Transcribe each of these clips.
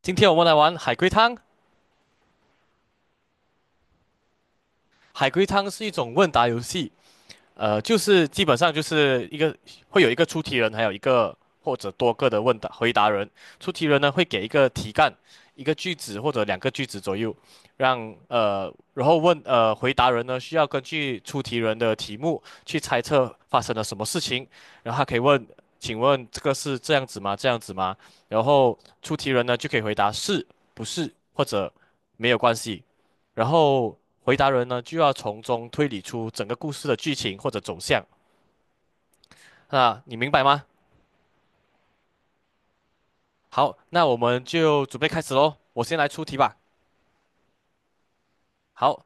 今天我们来玩海龟汤。海龟汤是一种问答游戏，就是基本上就是一个会有一个出题人，还有一个或者多个的问答回答人。出题人呢会给一个题干，一个句子或者两个句子左右，然后问回答人呢需要根据出题人的题目去猜测发生了什么事情，然后他可以问，请问这个是这样子吗？这样子吗？然后出题人呢就可以回答是不是或者没有关系，然后。回答人呢就要从中推理出整个故事的剧情或者走向。那你明白吗？好，那我们就准备开始喽。我先来出题吧。好，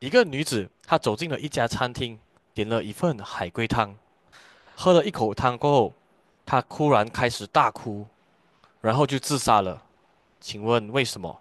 一个女子她走进了一家餐厅，点了一份海龟汤，喝了一口汤过后，她突然开始大哭，然后就自杀了。请问为什么？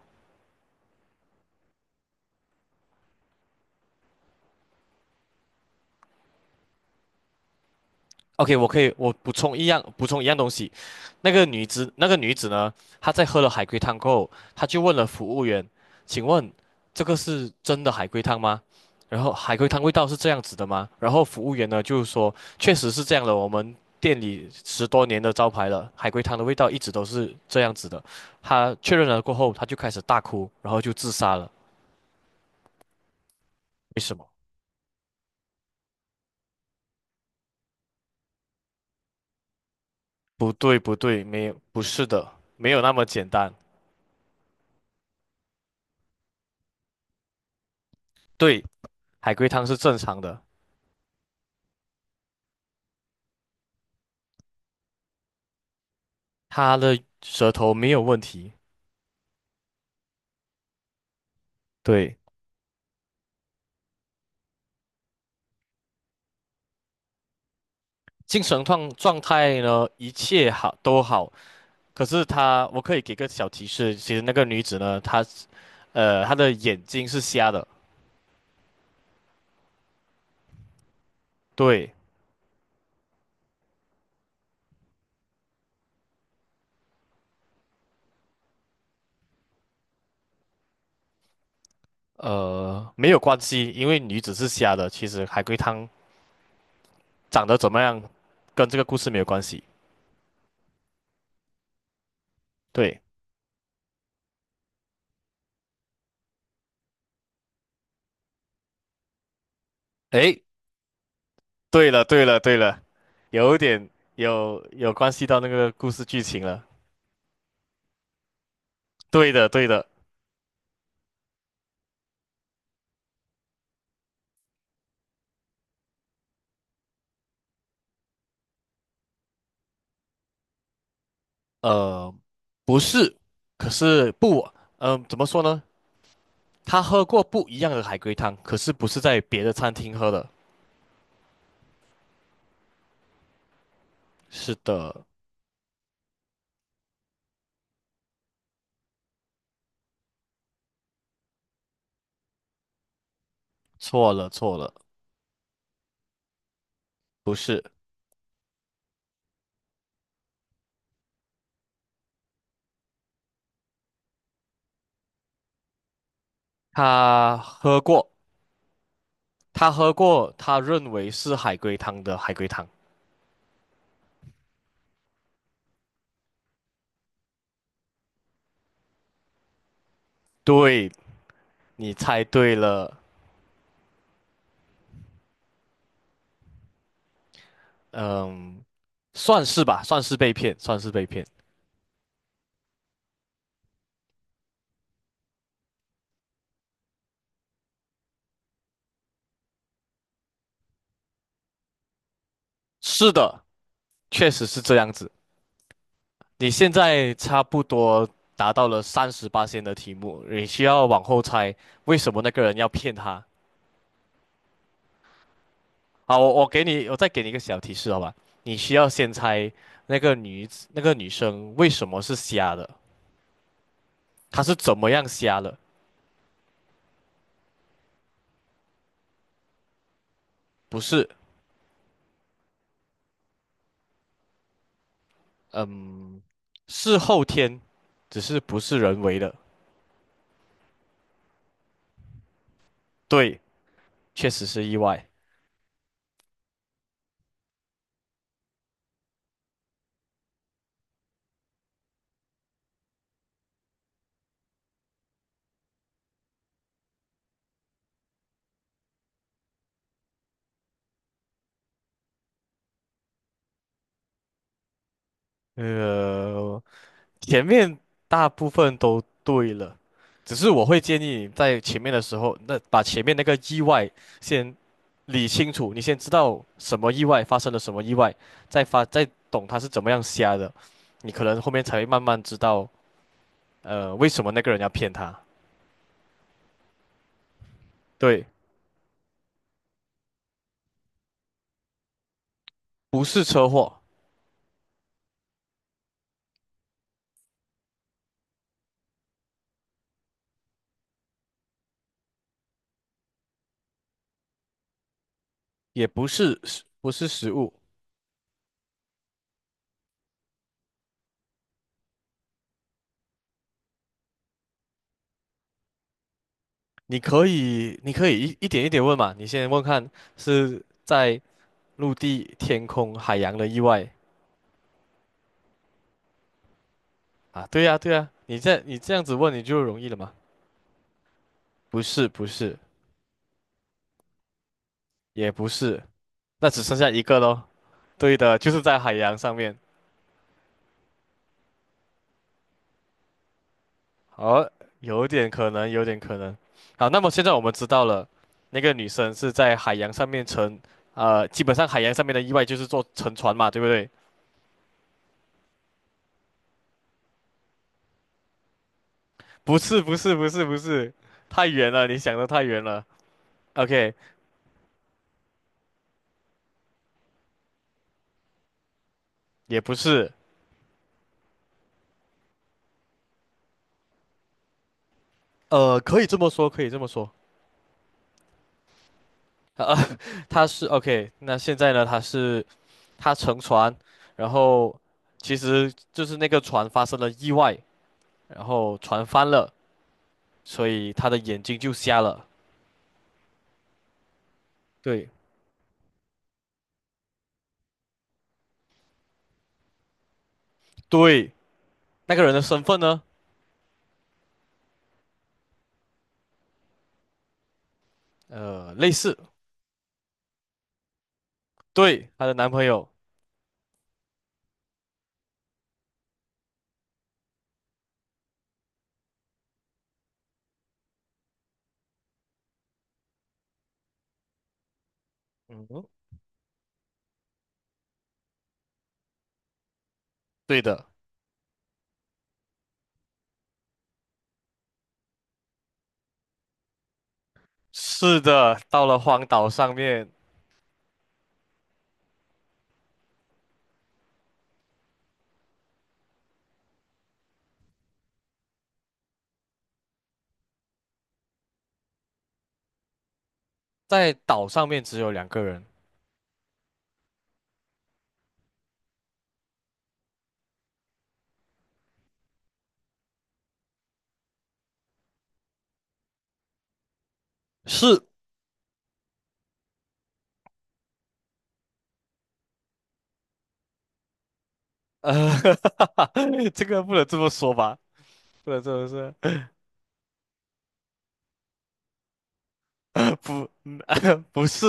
OK，我可以，我补充一样东西。那个女子呢，她在喝了海龟汤过后，她就问了服务员："请问这个是真的海龟汤吗？然后海龟汤味道是这样子的吗？"然后服务员呢就是说："确实是这样的，我们店里10多年的招牌了，海龟汤的味道一直都是这样子的。"她确认了过后，她就开始大哭，然后就自杀了。为什么？不对，不对，没有，不是的，没有那么简单。对，海龟汤是正常的。他的舌头没有问题，对，精神状态呢，一切好都好。可是他，我可以给个小提示，其实那个女子呢，她她的眼睛是瞎的，对，没有关系，因为女子是瞎的，其实海龟汤长得怎么样，跟这个故事没有关系。对，诶，对了，对了，对了，有点有关系到那个故事剧情了。对的，对的。呃，不是，可是不，怎么说呢？他喝过不一样的海龟汤，可是不是在别的餐厅喝的。是的，错了，错了，不是，他喝过，他喝过，他认为是海龟汤的海龟汤。对，你猜对了，嗯，算是吧，算是被骗，算是被骗。是的，确实是这样子。你现在差不多达到了38线的题目，你需要往后猜为什么那个人要骗他。好，我给你，我再给你一个小提示，好吧？你需要先猜那个女子那个女生为什么是瞎的，她是怎么样瞎的？不是，嗯，是后天，只是不是人为的。对，确实是意外。呃，前面大部分都对了，只是我会建议你在前面的时候，那把前面那个意外先理清楚，你先知道什么意外发生了什么意外，再懂他是怎么样瞎的，你可能后面才会慢慢知道，为什么那个人要骗他。对，不是车祸，也不是食不是食物，你可以一点一点问嘛，你先问看是在陆地、天空、海洋的意外，啊，对呀，对呀，你这样子问你就容易了嘛？不是，不是，也不是，那只剩下一个咯。对的，就是在海洋上面。好，有点可能，有点可能。好，那么现在我们知道了，那个女生是在海洋上面乘，基本上海洋上面的意外就是坐沉船嘛，对不对？不是，不是，不是，不是，太远了，你想的太远了。OK，也不是，可以这么说，可以这么说。啊，OK，那现在呢？他乘船，然后其实就是那个船发生了意外，然后船翻了，所以他的眼睛就瞎了。对，对，那个人的身份呢？类似，对，她的男朋友。嗯，对的，是的，到了荒岛上面，在岛上面只有两个人。是，呃，这个不能这么说吧？不能这么说，不，不是，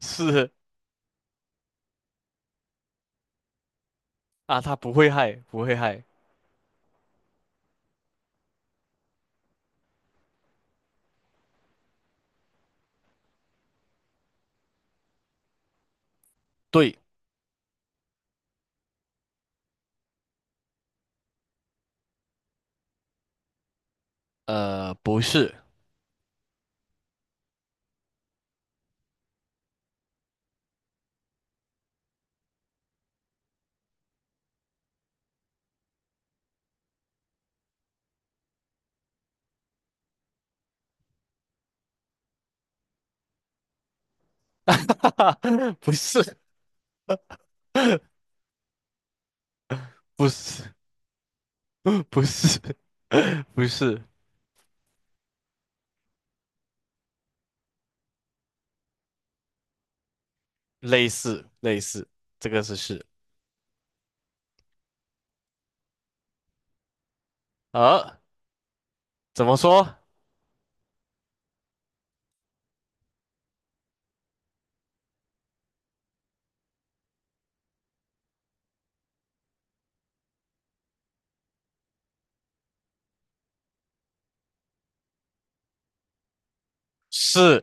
是啊，他不会害，不会害。对。不是，不是，不是，不是，不是，类似类似，这个是，呃，怎么说？是，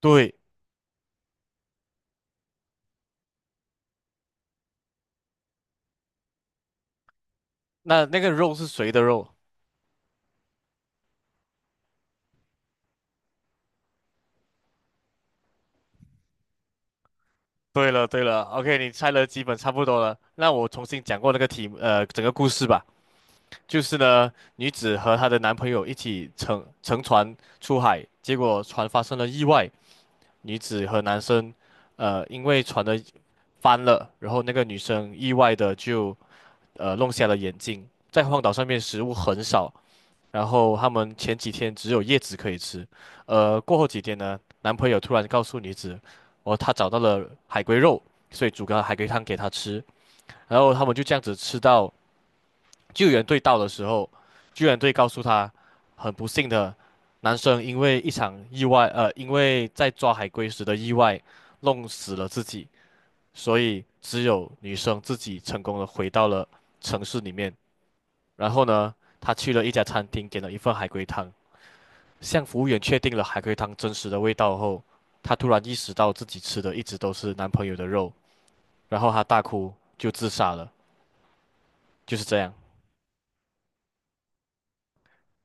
对，那个肉是谁的肉？对了对了，OK，你猜的基本差不多了。那我重新讲过那个题目，整个故事吧。就是呢，女子和她的男朋友一起乘船出海，结果船发生了意外，女子和男生，因为船的翻了，然后那个女生意外的就弄瞎了眼睛。在荒岛上面食物很少，然后他们前几天只有叶子可以吃，过后几天呢，男朋友突然告诉女子，哦，他找到了海龟肉，所以煮个海龟汤给她吃，然后他们就这样子吃到救援队到的时候，救援队告诉他，很不幸的，男生因为一场意外，因为在抓海龟时的意外，弄死了自己。所以只有女生自己成功的回到了城市里面。然后呢，她去了一家餐厅，点了一份海龟汤。向服务员确定了海龟汤真实的味道后，她突然意识到自己吃的一直都是男朋友的肉，然后她大哭，就自杀了。就是这样。